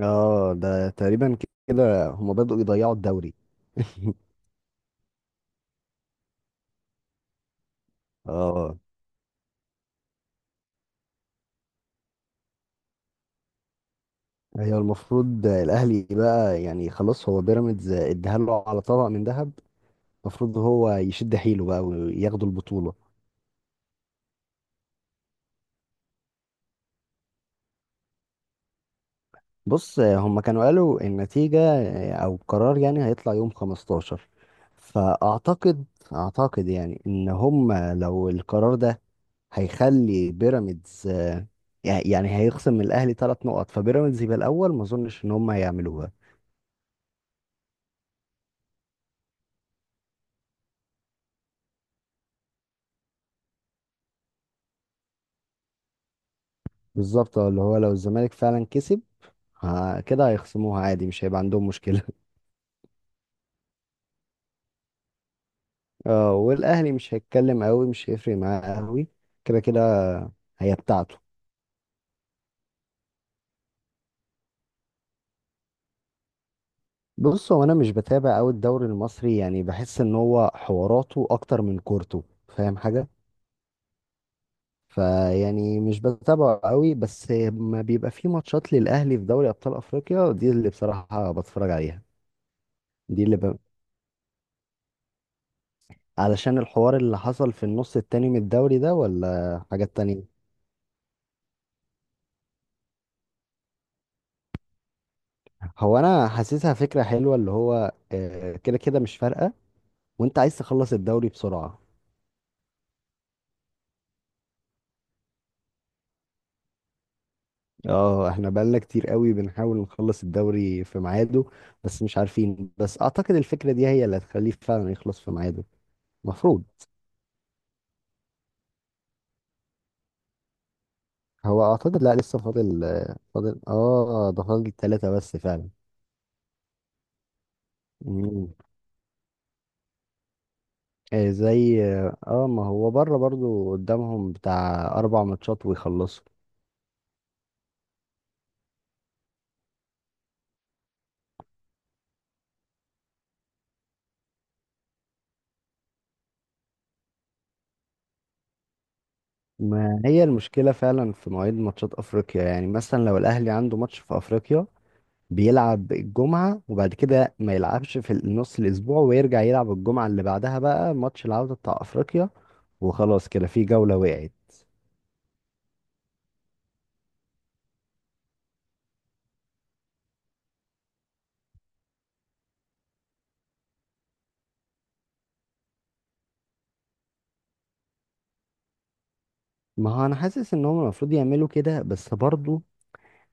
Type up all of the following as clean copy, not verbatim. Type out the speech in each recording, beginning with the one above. اه ده تقريبا كده هما بدأوا يضيعوا الدوري. اه هي المفروض الاهلي بقى، يعني خلاص هو بيراميدز اداها له على طبق من ذهب. المفروض هو يشد حيله بقى وياخدوا البطولة. بص هم كانوا قالوا النتيجة او القرار يعني هيطلع يوم 15. فاعتقد، يعني ان هم لو القرار ده هيخلي بيراميدز، يعني هيخصم من الاهلي 3 نقط فبيراميدز يبقى الاول. ما اظنش ان هم هيعملوها. بالظبط، اه اللي هو لو الزمالك فعلا كسب، كده هيخصموها عادي مش هيبقى عندهم مشكلة. اه والاهلي مش هيتكلم قوي، مش هيفرق معاه قوي. كده كده هي بتاعته. بص هو انا مش بتابع قوي الدوري المصري، يعني بحس ان هو حواراته اكتر من كورته، فاهم حاجة. فيعني مش بتابعه قوي، بس ما بيبقى فيه ماتشات للاهلي في دوري ابطال افريقيا دي اللي بصراحة بتفرج عليها. دي اللي ب... علشان الحوار اللي حصل في النص التاني من الدوري ده، ولا حاجات تانية. هو انا حاسسها فكره حلوه، اللي هو كده كده مش فارقه، وانت عايز تخلص الدوري بسرعه. اه احنا بقالنا كتير قوي بنحاول نخلص الدوري في ميعاده، بس مش عارفين. بس اعتقد الفكره دي هي اللي هتخليه فعلا يخلص في ميعاده. المفروض، هو اعتقد لا لسه فاضل آه، فاضل اه ده فاضل 3 بس فعلا. مم. آه، زي. اه ما هو بره برضو قدامهم بتاع 4 ماتشات ويخلصوا. ما هي المشكلة فعلا في مواعيد ماتشات أفريقيا. يعني مثلا لو الأهلي عنده ماتش في أفريقيا، بيلعب الجمعة وبعد كده ما يلعبش في نص الأسبوع، ويرجع يلعب الجمعة اللي بعدها بقى ماتش العودة بتاع أفريقيا، وخلاص كده في جولة وقعت. ما هو أنا حاسس إن هم المفروض يعملوا كده، بس برضو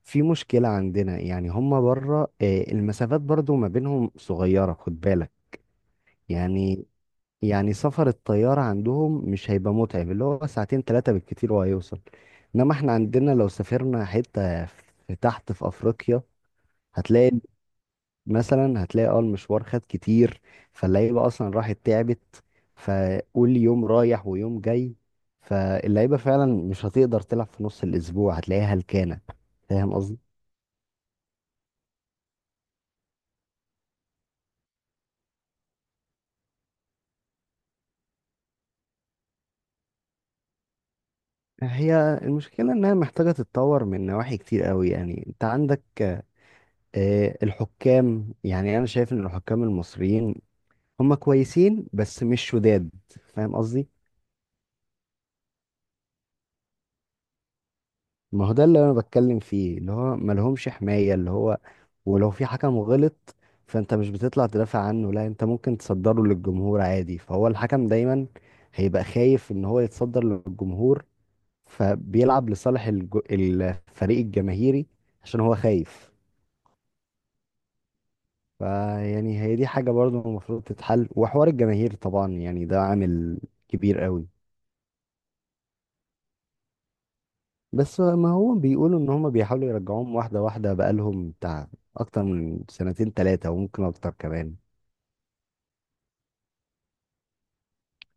في مشكلة عندنا. يعني هم بره، المسافات برضو ما بينهم صغيرة، خد بالك. يعني يعني سفر الطيارة عندهم مش هيبقى متعب، اللي هو ساعتين تلاتة بالكتير وهيوصل. انما احنا عندنا لو سافرنا حتة في تحت في افريقيا، هتلاقي هتلاقي اه المشوار خد كتير، فاللعيبة اصلا راحت تعبت. فقول يوم رايح ويوم جاي، فاللعيبة فعلا مش هتقدر تلعب في نص الاسبوع، هتلاقيها هلكانة. فاهم قصدي؟ هي المشكلة انها محتاجة تتطور من نواحي كتير قوي. يعني انت عندك الحكام. يعني انا شايف ان الحكام المصريين هم كويسين بس مش شداد، فاهم قصدي. ما هو ده اللي انا بتكلم فيه، اللي هو ما لهمش حماية. اللي هو ولو في حكم غلط، فانت مش بتطلع تدافع عنه، لا انت ممكن تصدره للجمهور عادي. فهو الحكم دايما هيبقى خايف ان هو يتصدر للجمهور، فبيلعب لصالح الفريق الجماهيري، عشان هو خايف. فيعني هي دي حاجة برضو المفروض تتحل، وحوار الجماهير طبعا يعني ده عامل كبير قوي. بس ما هو بيقولوا ان هم بيحاولوا يرجعوهم واحدة واحدة بقالهم بتاع اكتر من سنتين تلاتة وممكن اكتر كمان.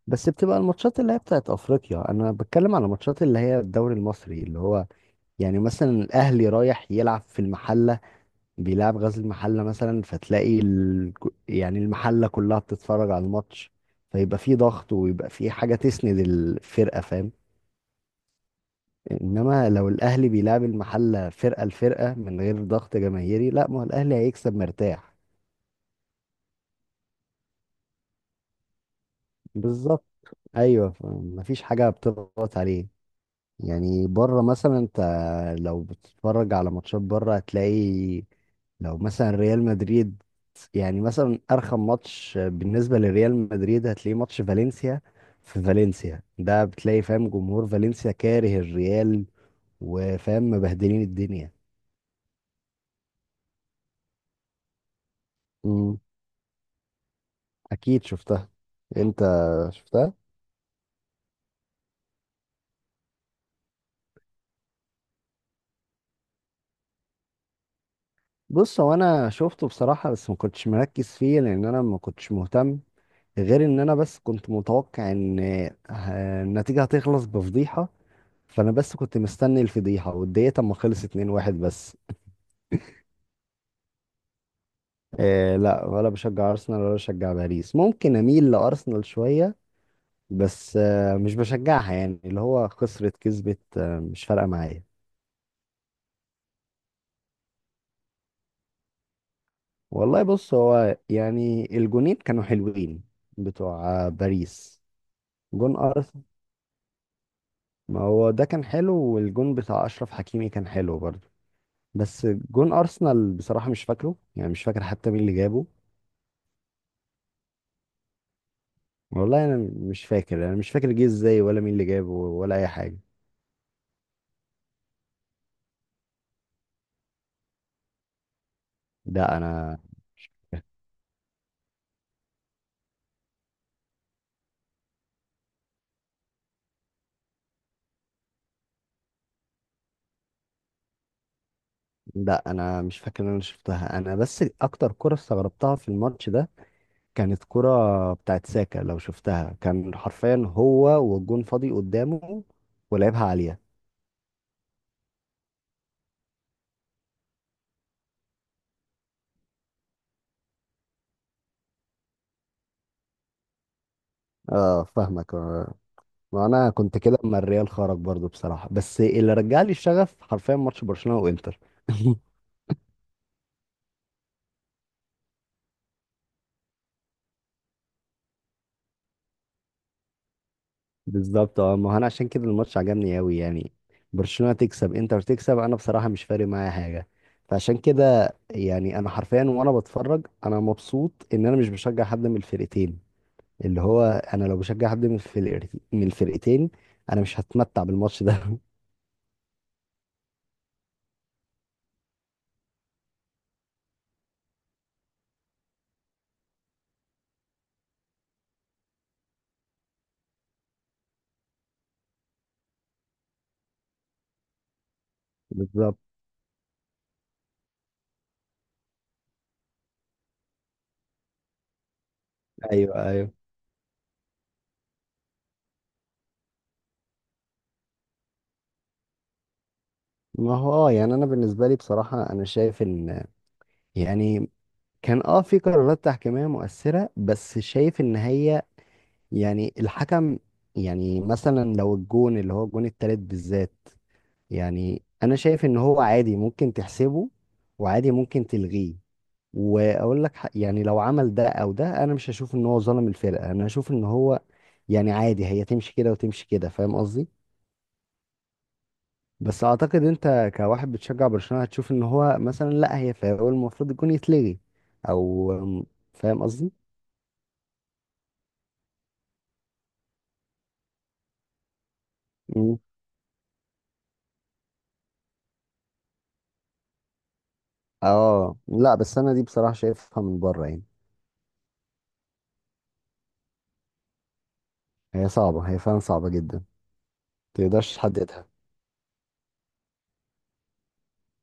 بس بتبقى الماتشات اللي هي بتاعت افريقيا، انا بتكلم على الماتشات اللي هي الدوري المصري. اللي هو يعني مثلا الاهلي رايح يلعب في المحلة، بيلعب غزل المحلة مثلا، يعني المحلة كلها بتتفرج على الماتش، فيبقى في ضغط ويبقى في حاجة تسند الفرقة، فاهم. انما لو الاهلي بيلعب المحله فرقه لفرقه من غير ضغط جماهيري، لا ما هو الاهلي هيكسب مرتاح. بالظبط. ايوه، مفيش حاجه بتضغط عليه. يعني بره مثلا انت لو بتتفرج على ماتشات بره هتلاقي، لو مثلا ريال مدريد، يعني مثلا ارخم ماتش بالنسبه لريال مدريد هتلاقيه ماتش فالنسيا. في فالنسيا ده بتلاقي، فاهم، جمهور فالنسيا كاره الريال، وفاهم مبهدلين الدنيا. اكيد شفتها. انت شفتها. بص هو انا شفته بصراحه، بس ما كنتش مركز فيه لان انا ما كنتش مهتم، غير ان انا بس كنت متوقع ان النتيجه هتخلص بفضيحه. فانا بس كنت مستني الفضيحه، واتضايقت اما خلص 2-1 بس. آه لا، ولا بشجع ارسنال ولا بشجع باريس. ممكن اميل لارسنال شويه، بس آه مش بشجعها. يعني اللي هو خسرت كسبت آه مش فارقه معايا. والله بص هو يعني الجونين كانوا حلوين، بتوع باريس. جون ارسنال، ما هو ده كان حلو، والجون بتاع اشرف حكيمي كان حلو برضه بس. جون ارسنال بصراحة مش فاكره، يعني مش فاكر حتى مين اللي جابه. والله انا مش فاكر جه ازاي، ولا مين اللي جابه، ولا اي حاجة. ده انا، لا انا مش فاكر ان انا شفتها. انا بس اكتر كرة استغربتها في الماتش ده، كانت كرة بتاعت ساكا. لو شفتها، كان حرفيا هو والجون فاضي قدامه، ولعبها عالية. اه فاهمك. آه. وانا كنت كده اما الريال خرج برضو بصراحة، بس اللي رجع لي الشغف حرفيا ماتش برشلونة وانتر. بالظبط، اه ما هو انا عشان كده الماتش عجبني قوي. يعني برشلونة تكسب انتر تكسب، انا بصراحة مش فارق معايا حاجة. فعشان كده يعني انا حرفيا وانا بتفرج انا مبسوط ان انا مش بشجع حد من الفرقتين. اللي هو انا لو بشجع حد من، في الفرق من الفرقتين، انا مش هتمتع بالماتش ده. بالظبط. ايوه ايوه. ما هو اه يعني انا بالنسبه لي بصراحه انا شايف ان، يعني كان اه في قرارات تحكيميه مؤثره، بس شايف ان هي يعني الحكم، يعني مثلا لو الجون اللي هو الجون التالت بالذات، يعني انا شايف ان هو عادي ممكن تحسبه، وعادي ممكن تلغيه. واقول لك، يعني لو عمل ده او ده، انا مش هشوف ان هو ظلم الفرقه. انا هشوف ان هو يعني عادي، هي تمشي كده وتمشي كده، فاهم قصدي. بس اعتقد انت كواحد بتشجع برشلونه هتشوف ان هو مثلا لا، هي فاول المفروض يكون يتلغي، او فاهم قصدي. مم. اه لا، بس انا دي بصراحه شايفها من بره يعني. هي صعبه، هي فعلا صعبه جدا، متقدرش تحددها.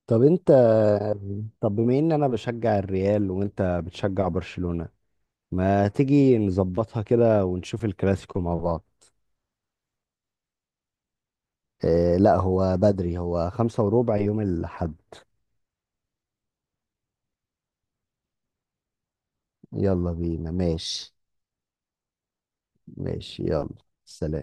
طب انت طب بما ان انا بشجع الريال وانت بتشجع برشلونه، ما تيجي نظبطها كده ونشوف الكلاسيكو مع بعض. إيه لا، هو بدري، هو 5:15 يوم الأحد. يلا بينا ماشي. ماشي يلا. سلام.